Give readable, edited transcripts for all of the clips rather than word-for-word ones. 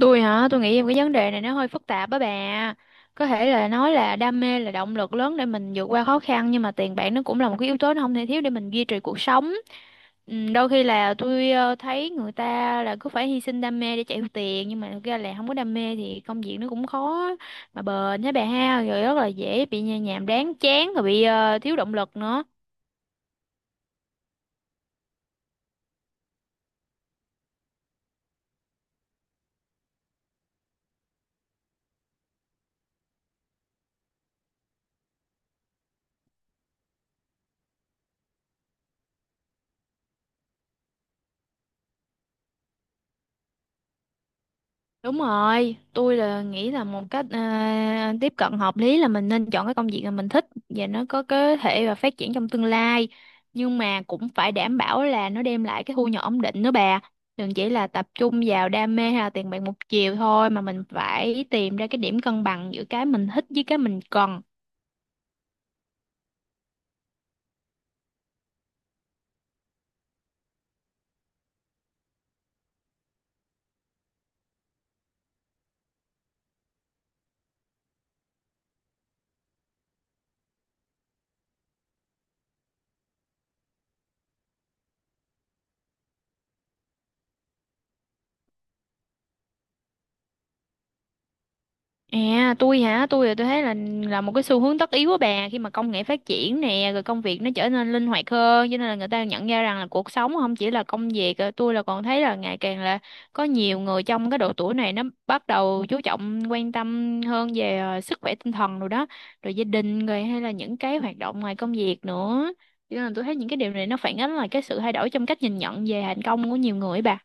Tôi hả? Tôi nghĩ em cái vấn đề này nó hơi phức tạp á bà. Có thể là nói là đam mê là động lực lớn để mình vượt qua khó khăn, nhưng mà tiền bạc nó cũng là một cái yếu tố nó không thể thiếu để mình duy trì cuộc sống. Ừ, đôi khi là tôi thấy người ta là cứ phải hy sinh đam mê để chạy theo tiền, nhưng mà thực ra là không có đam mê thì công việc nó cũng khó mà bền hả bà ha, rồi rất là dễ bị nhàm đáng chán rồi bị thiếu động lực nữa. Đúng rồi, tôi là nghĩ là một cách tiếp cận hợp lý là mình nên chọn cái công việc mà mình thích và nó có cơ thể và phát triển trong tương lai. Nhưng mà cũng phải đảm bảo là nó đem lại cái thu nhập ổn định nữa bà. Đừng chỉ là tập trung vào đam mê hay là tiền bạc một chiều thôi, mà mình phải tìm ra cái điểm cân bằng giữa cái mình thích với cái mình cần. À, tôi hả, tôi thì tôi thấy là một cái xu hướng tất yếu của bà khi mà công nghệ phát triển nè, rồi công việc nó trở nên linh hoạt hơn, cho nên là người ta nhận ra rằng là cuộc sống không chỉ là công việc. Tôi là còn thấy là ngày càng là có nhiều người trong cái độ tuổi này nó bắt đầu chú trọng quan tâm hơn về sức khỏe tinh thần rồi đó, rồi gia đình, rồi hay là những cái hoạt động ngoài công việc nữa, cho nên là tôi thấy những cái điều này nó phản ánh là cái sự thay đổi trong cách nhìn nhận về thành công của nhiều người ấy bà.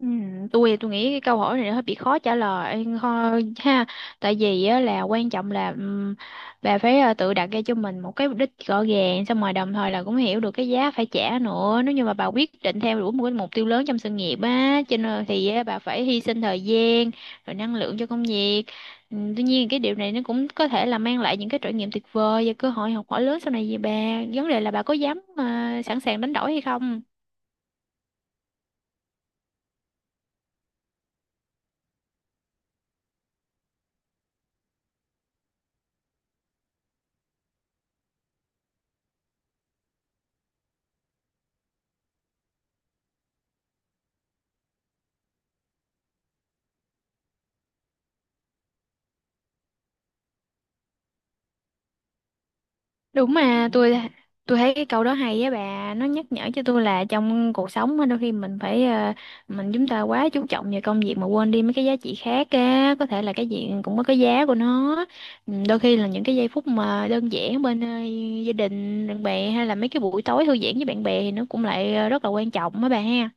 Ừ, tôi nghĩ cái câu hỏi này nó hơi bị khó trả lời thôi ha, tại vì á, là quan trọng là bà phải tự đặt ra cho mình một cái mục đích rõ ràng, xong rồi đồng thời là cũng hiểu được cái giá phải trả nữa nếu như mà bà quyết định theo đuổi một cái mục tiêu lớn trong sự nghiệp á, cho nên thì á, bà phải hy sinh thời gian rồi năng lượng cho công việc. Ừ, tuy nhiên cái điều này nó cũng có thể là mang lại những cái trải nghiệm tuyệt vời và cơ hội học hỏi lớn sau này về bà. Vấn đề là bà có dám sẵn sàng đánh đổi hay không. Đúng, mà tôi thấy cái câu đó hay á bà, nó nhắc nhở cho tôi là trong cuộc sống á, đôi khi mình phải mình chúng ta quá chú trọng vào công việc mà quên đi mấy cái giá trị khác á, có thể là cái gì cũng có cái giá của nó. Ừ, đôi khi là những cái giây phút mà đơn giản bên gia đình, bạn bè, hay là mấy cái buổi tối thư giãn với bạn bè thì nó cũng lại rất là quan trọng á bà ha.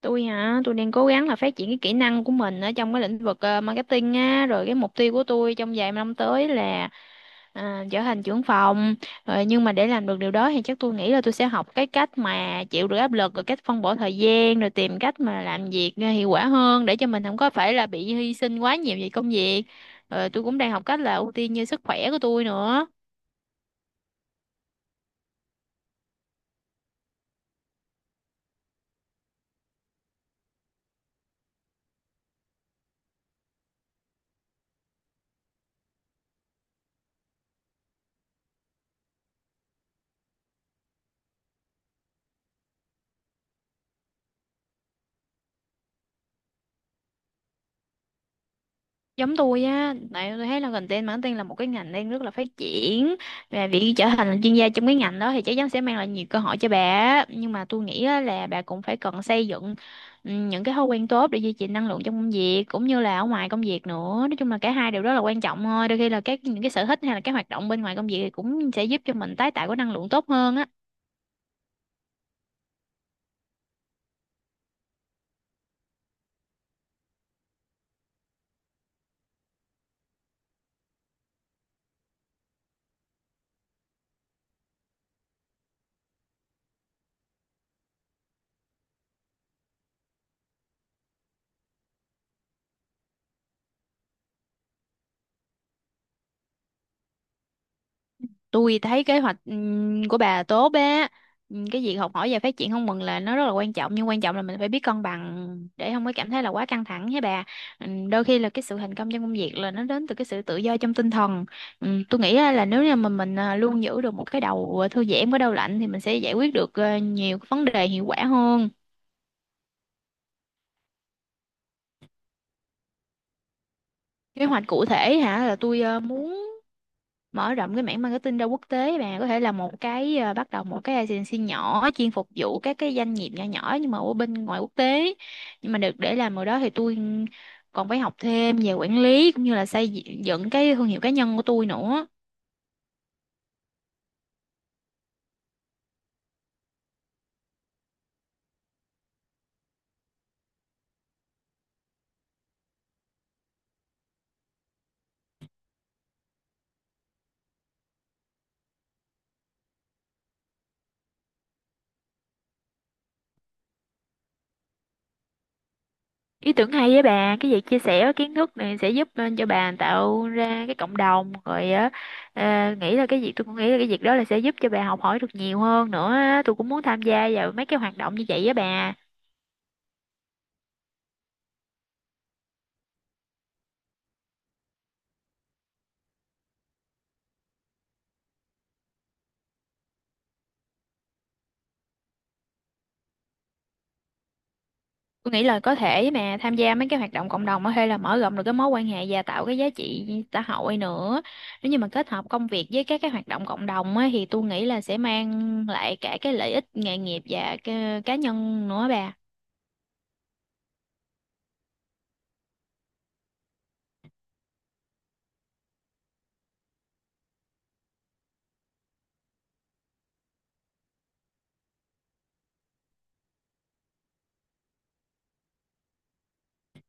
Tôi hả, tôi đang cố gắng là phát triển cái kỹ năng của mình ở trong cái lĩnh vực marketing á, rồi cái mục tiêu của tôi trong vài năm tới là trở thành trưởng phòng. Rồi nhưng mà để làm được điều đó thì chắc tôi nghĩ là tôi sẽ học cái cách mà chịu được áp lực, rồi cách phân bổ thời gian, rồi tìm cách mà làm việc hiệu quả hơn để cho mình không có phải là bị hy sinh quá nhiều về công việc. Rồi tôi cũng đang học cách là ưu tiên như sức khỏe của tôi nữa. Giống tôi á, tại tôi thấy là content marketing là một cái ngành đang rất là phát triển, và việc trở thành là chuyên gia trong cái ngành đó thì chắc chắn sẽ mang lại nhiều cơ hội cho bà á. Nhưng mà tôi nghĩ á, là bà cũng phải cần xây dựng ừ, những cái thói quen tốt để duy trì năng lượng trong công việc cũng như là ở ngoài công việc nữa, nói chung là cả hai đều rất là quan trọng thôi. Đôi khi là các những cái sở thích hay là các hoạt động bên ngoài công việc thì cũng sẽ giúp cho mình tái tạo cái năng lượng tốt hơn á. Tôi thấy kế hoạch của bà tốt á. Cái việc học hỏi và phát triển không ngừng là nó rất là quan trọng, nhưng quan trọng là mình phải biết cân bằng để không có cảm thấy là quá căng thẳng hả bà. Đôi khi là cái sự thành công trong công việc là nó đến từ cái sự tự do trong tinh thần. Tôi nghĩ á là nếu như mà mình luôn giữ được một cái đầu thư giãn với đầu lạnh thì mình sẽ giải quyết được nhiều cái vấn đề hiệu quả hơn. Kế hoạch cụ thể hả, là tôi muốn mở rộng cái mảng marketing ra quốc tế bà, có thể là một cái bắt đầu một cái agency nhỏ chuyên phục vụ các cái doanh nghiệp nhỏ nhỏ nhưng mà ở bên ngoài quốc tế. Nhưng mà được để làm ở đó thì tôi còn phải học thêm về quản lý cũng như là xây dựng cái thương hiệu cá nhân của tôi nữa. Ý tưởng hay với bà, cái việc chia sẻ kiến thức này sẽ giúp cho bà tạo ra cái cộng đồng rồi á. Ờ, nghĩ là cái việc Tôi cũng nghĩ là cái việc đó là sẽ giúp cho bà học hỏi được nhiều hơn nữa á. Tôi cũng muốn tham gia vào mấy cái hoạt động như vậy với bà. Tôi nghĩ là có thể mà tham gia mấy cái hoạt động cộng đồng á, hay là mở rộng được cái mối quan hệ và tạo cái giá trị xã hội nữa. Nếu như mà kết hợp công việc với các cái hoạt động cộng đồng á, thì tôi nghĩ là sẽ mang lại cả cái lợi ích nghề nghiệp và cái cá nhân nữa bà.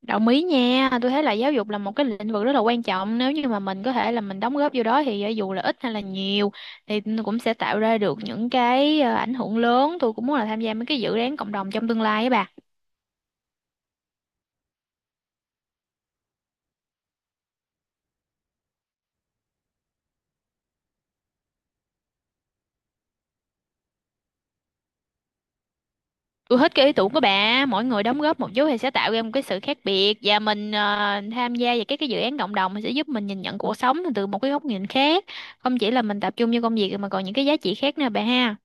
Đồng ý nha, tôi thấy là giáo dục là một cái lĩnh vực rất là quan trọng, nếu như mà mình có thể là mình đóng góp vô đó thì dù là ít hay là nhiều thì cũng sẽ tạo ra được những cái ảnh hưởng lớn. Tôi cũng muốn là tham gia mấy cái dự án cộng đồng trong tương lai á bà. Tôi thích cái ý tưởng của bà, mỗi người đóng góp một chút thì sẽ tạo ra một cái sự khác biệt, và mình tham gia vào các cái dự án cộng đồng thì sẽ giúp mình nhìn nhận cuộc sống từ một cái góc nhìn khác, không chỉ là mình tập trung vô công việc mà còn những cái giá trị khác nữa bà ha.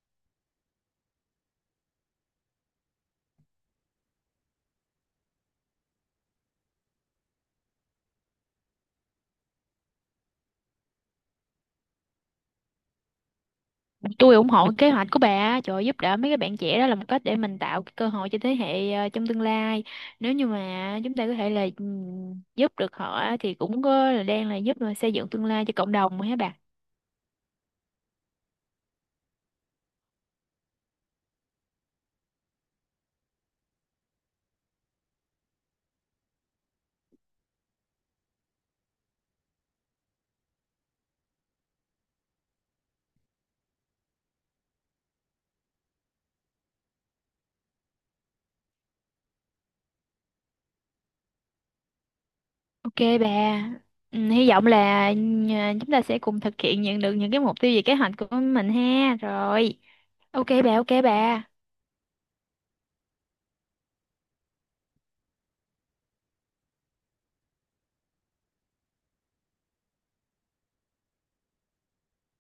Tôi ủng hộ kế hoạch của bà, trời ơi, giúp đỡ mấy cái bạn trẻ đó là một cách để mình tạo cái cơ hội cho thế hệ trong tương lai. Nếu như mà chúng ta có thể là giúp được họ thì cũng có là đang là giúp mà xây dựng tương lai cho cộng đồng mà hả bà. Ok bà, ừm, hy vọng là chúng ta sẽ cùng thực hiện nhận được những cái mục tiêu về kế hoạch của mình ha. Rồi, ok bà, ok bà.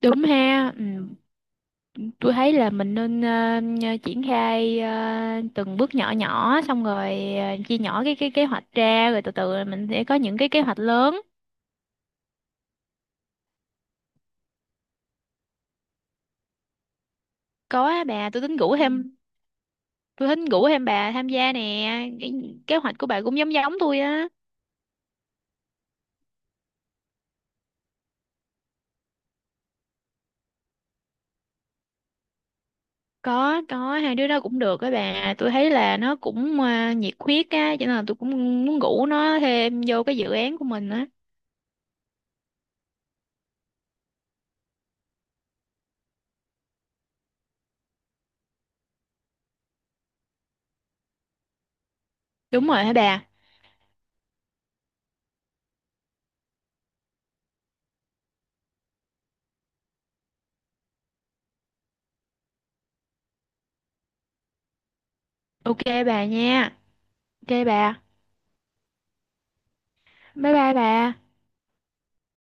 Đúng ha. Ừm, tôi thấy là mình nên triển khai từng bước nhỏ nhỏ, xong rồi chia nhỏ cái kế hoạch ra, rồi từ từ mình sẽ có những cái kế hoạch lớn. Có á bà, tôi tính rủ Ừ. thêm Ừ. tôi tính rủ thêm bà tham gia nè. Cái kế hoạch của bà cũng giống giống tôi á. Có hai đứa đó cũng được á bà, tôi thấy là nó cũng nhiệt huyết á, cho nên là tôi cũng muốn rủ nó thêm vô cái dự án của mình á. Đúng rồi hả bà. Ok bà nha, ok bà, bye bye bà.